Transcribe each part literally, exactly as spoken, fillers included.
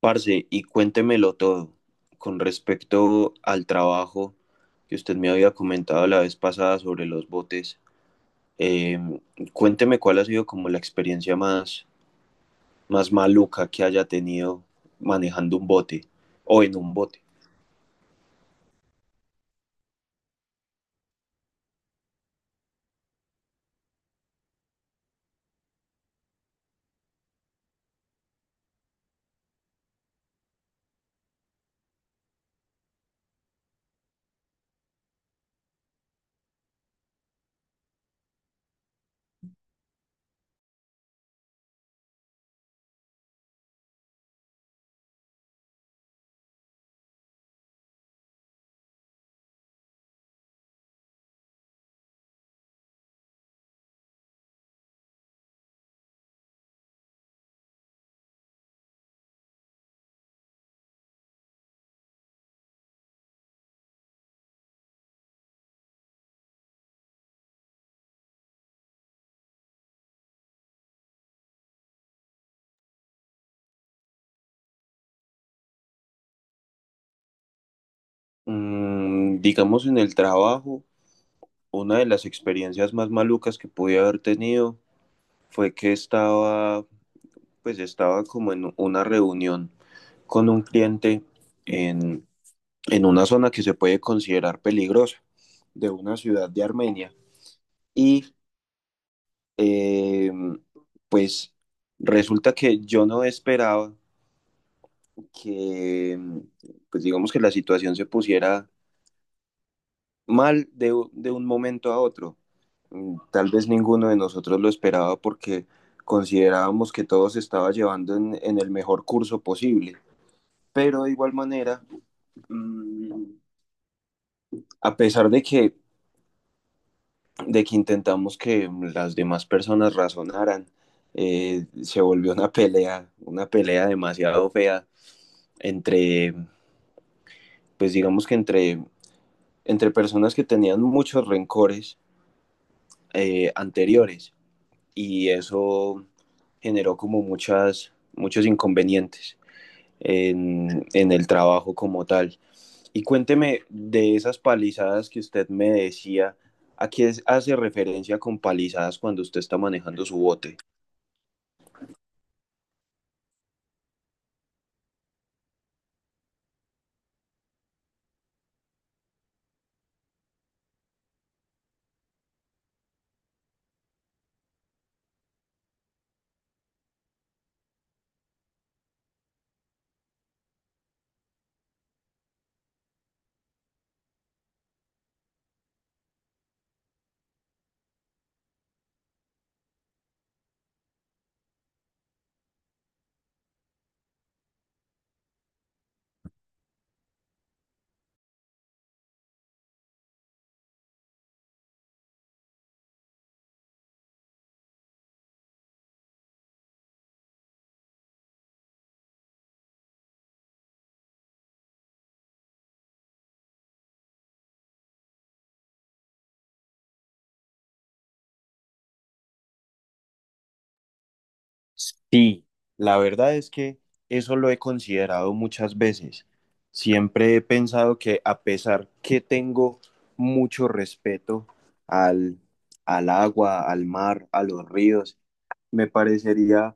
Parce, y cuéntemelo todo con respecto al trabajo que usted me había comentado la vez pasada sobre los botes. eh, Cuénteme cuál ha sido como la experiencia más, más maluca que haya tenido manejando un bote o en un bote. Mm, digamos en el trabajo, una de las experiencias más malucas que pude haber tenido fue que estaba, pues estaba como en una reunión con un cliente en, en una zona que se puede considerar peligrosa de una ciudad de Armenia. Y eh, pues resulta que yo no esperaba que, pues digamos que la situación se pusiera mal de, u- de un momento a otro. Mm, tal vez ninguno de nosotros lo esperaba porque considerábamos que todo se estaba llevando en, en el mejor curso posible. Pero de igual manera, mm, a pesar de que de que intentamos que las demás personas razonaran. Eh, se volvió una pelea, una pelea demasiado fea entre, pues digamos que entre, entre personas que tenían muchos rencores eh, anteriores, y eso generó como muchas, muchos inconvenientes en, en el trabajo como tal. Y cuénteme de esas palizadas que usted me decía, ¿a qué hace referencia con palizadas cuando usted está manejando su bote? Sí, la verdad es que eso lo he considerado muchas veces. Siempre he pensado que a pesar que tengo mucho respeto al, al agua, al mar, a los ríos, me parecería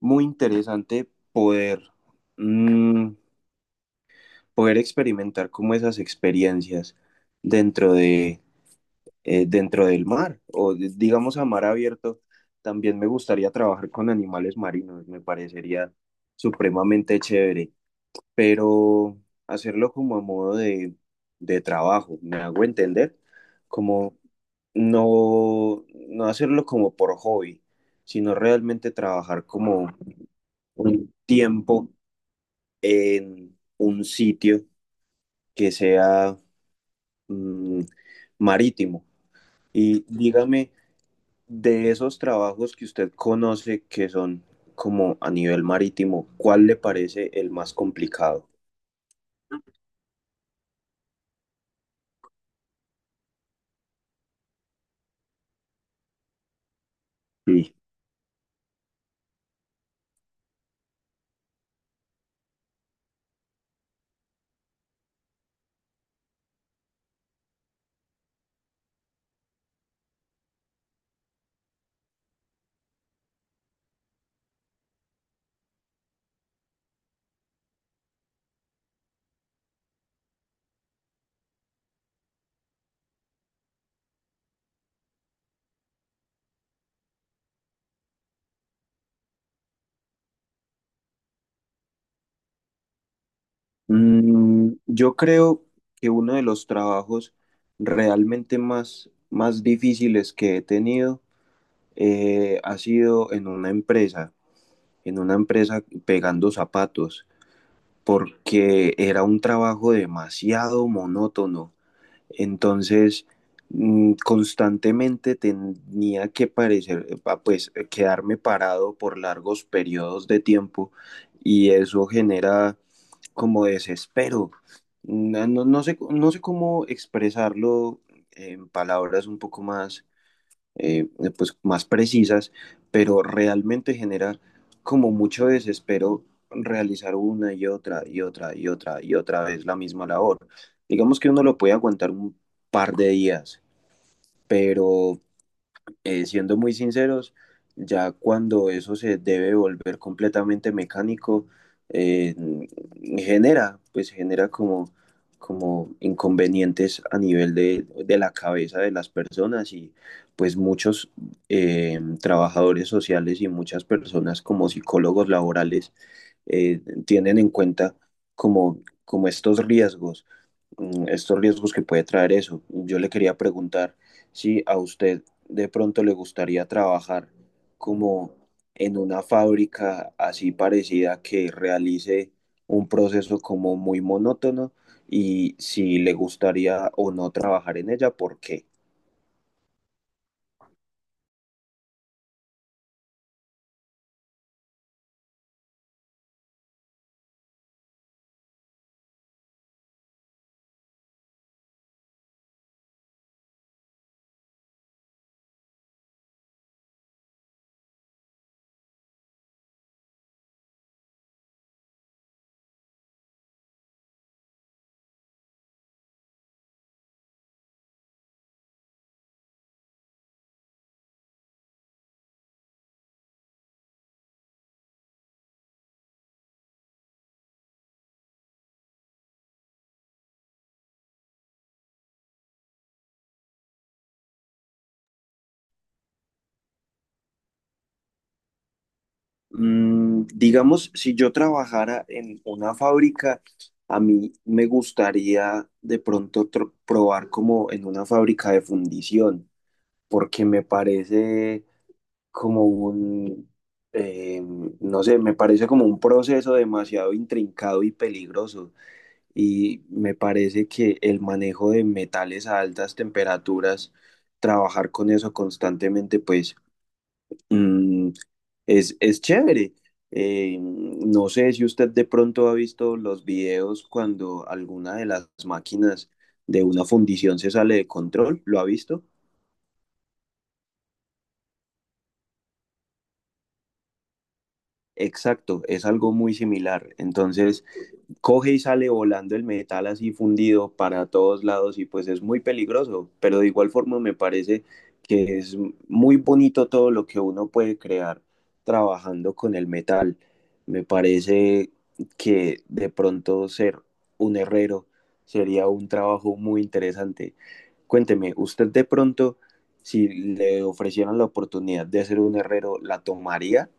muy interesante poder, mm, poder experimentar como esas experiencias dentro, eh, dentro del mar o de- digamos a mar abierto. También me gustaría trabajar con animales marinos, me parecería supremamente chévere, pero hacerlo como a modo de, de trabajo, ¿me hago entender? Como no, no hacerlo como por hobby, sino realmente trabajar como un tiempo en un sitio que sea, mm, marítimo. Y dígame, de esos trabajos que usted conoce que son como a nivel marítimo, ¿cuál le parece el más complicado? Sí. Mm, yo creo que uno de los trabajos realmente más, más difíciles que he tenido eh, ha sido en una empresa, en una empresa pegando zapatos, porque era un trabajo demasiado monótono. Entonces, mm, constantemente tenía que parecer, ah, pues, quedarme parado por largos periodos de tiempo, y eso genera como desespero. No, no no sé, no sé cómo expresarlo en palabras un poco más, eh, pues más precisas, pero realmente genera como mucho desespero realizar una y otra y otra y otra y otra vez la misma labor. Digamos que uno lo puede aguantar un par de días, pero eh, siendo muy sinceros, ya cuando eso se debe volver completamente mecánico, eh, genera, pues genera como, como inconvenientes a nivel de, de la cabeza de las personas, y pues muchos eh, trabajadores sociales y muchas personas como psicólogos laborales eh, tienen en cuenta como, como estos riesgos, mm, estos riesgos que puede traer eso. Yo le quería preguntar si a usted de pronto le gustaría trabajar como en una fábrica así parecida que realice un proceso como muy monótono, y si le gustaría o no trabajar en ella, ¿por qué? Mm, digamos, si yo trabajara en una fábrica, a mí me gustaría de pronto tro- probar como en una fábrica de fundición, porque me parece como un, eh, no sé, me parece como un proceso demasiado intrincado y peligroso. Y me parece que el manejo de metales a altas temperaturas, trabajar con eso constantemente, pues, mm, es, es chévere. Eh, no sé si usted de pronto ha visto los videos cuando alguna de las máquinas de una fundición se sale de control, ¿lo ha visto? Exacto, es algo muy similar. Entonces, coge y sale volando el metal así fundido para todos lados, y pues es muy peligroso, pero de igual forma me parece que es muy bonito todo lo que uno puede crear trabajando con el metal. Me parece que de pronto ser un herrero sería un trabajo muy interesante. Cuénteme, usted de pronto, si le ofrecieran la oportunidad de ser un herrero, ¿la tomaría?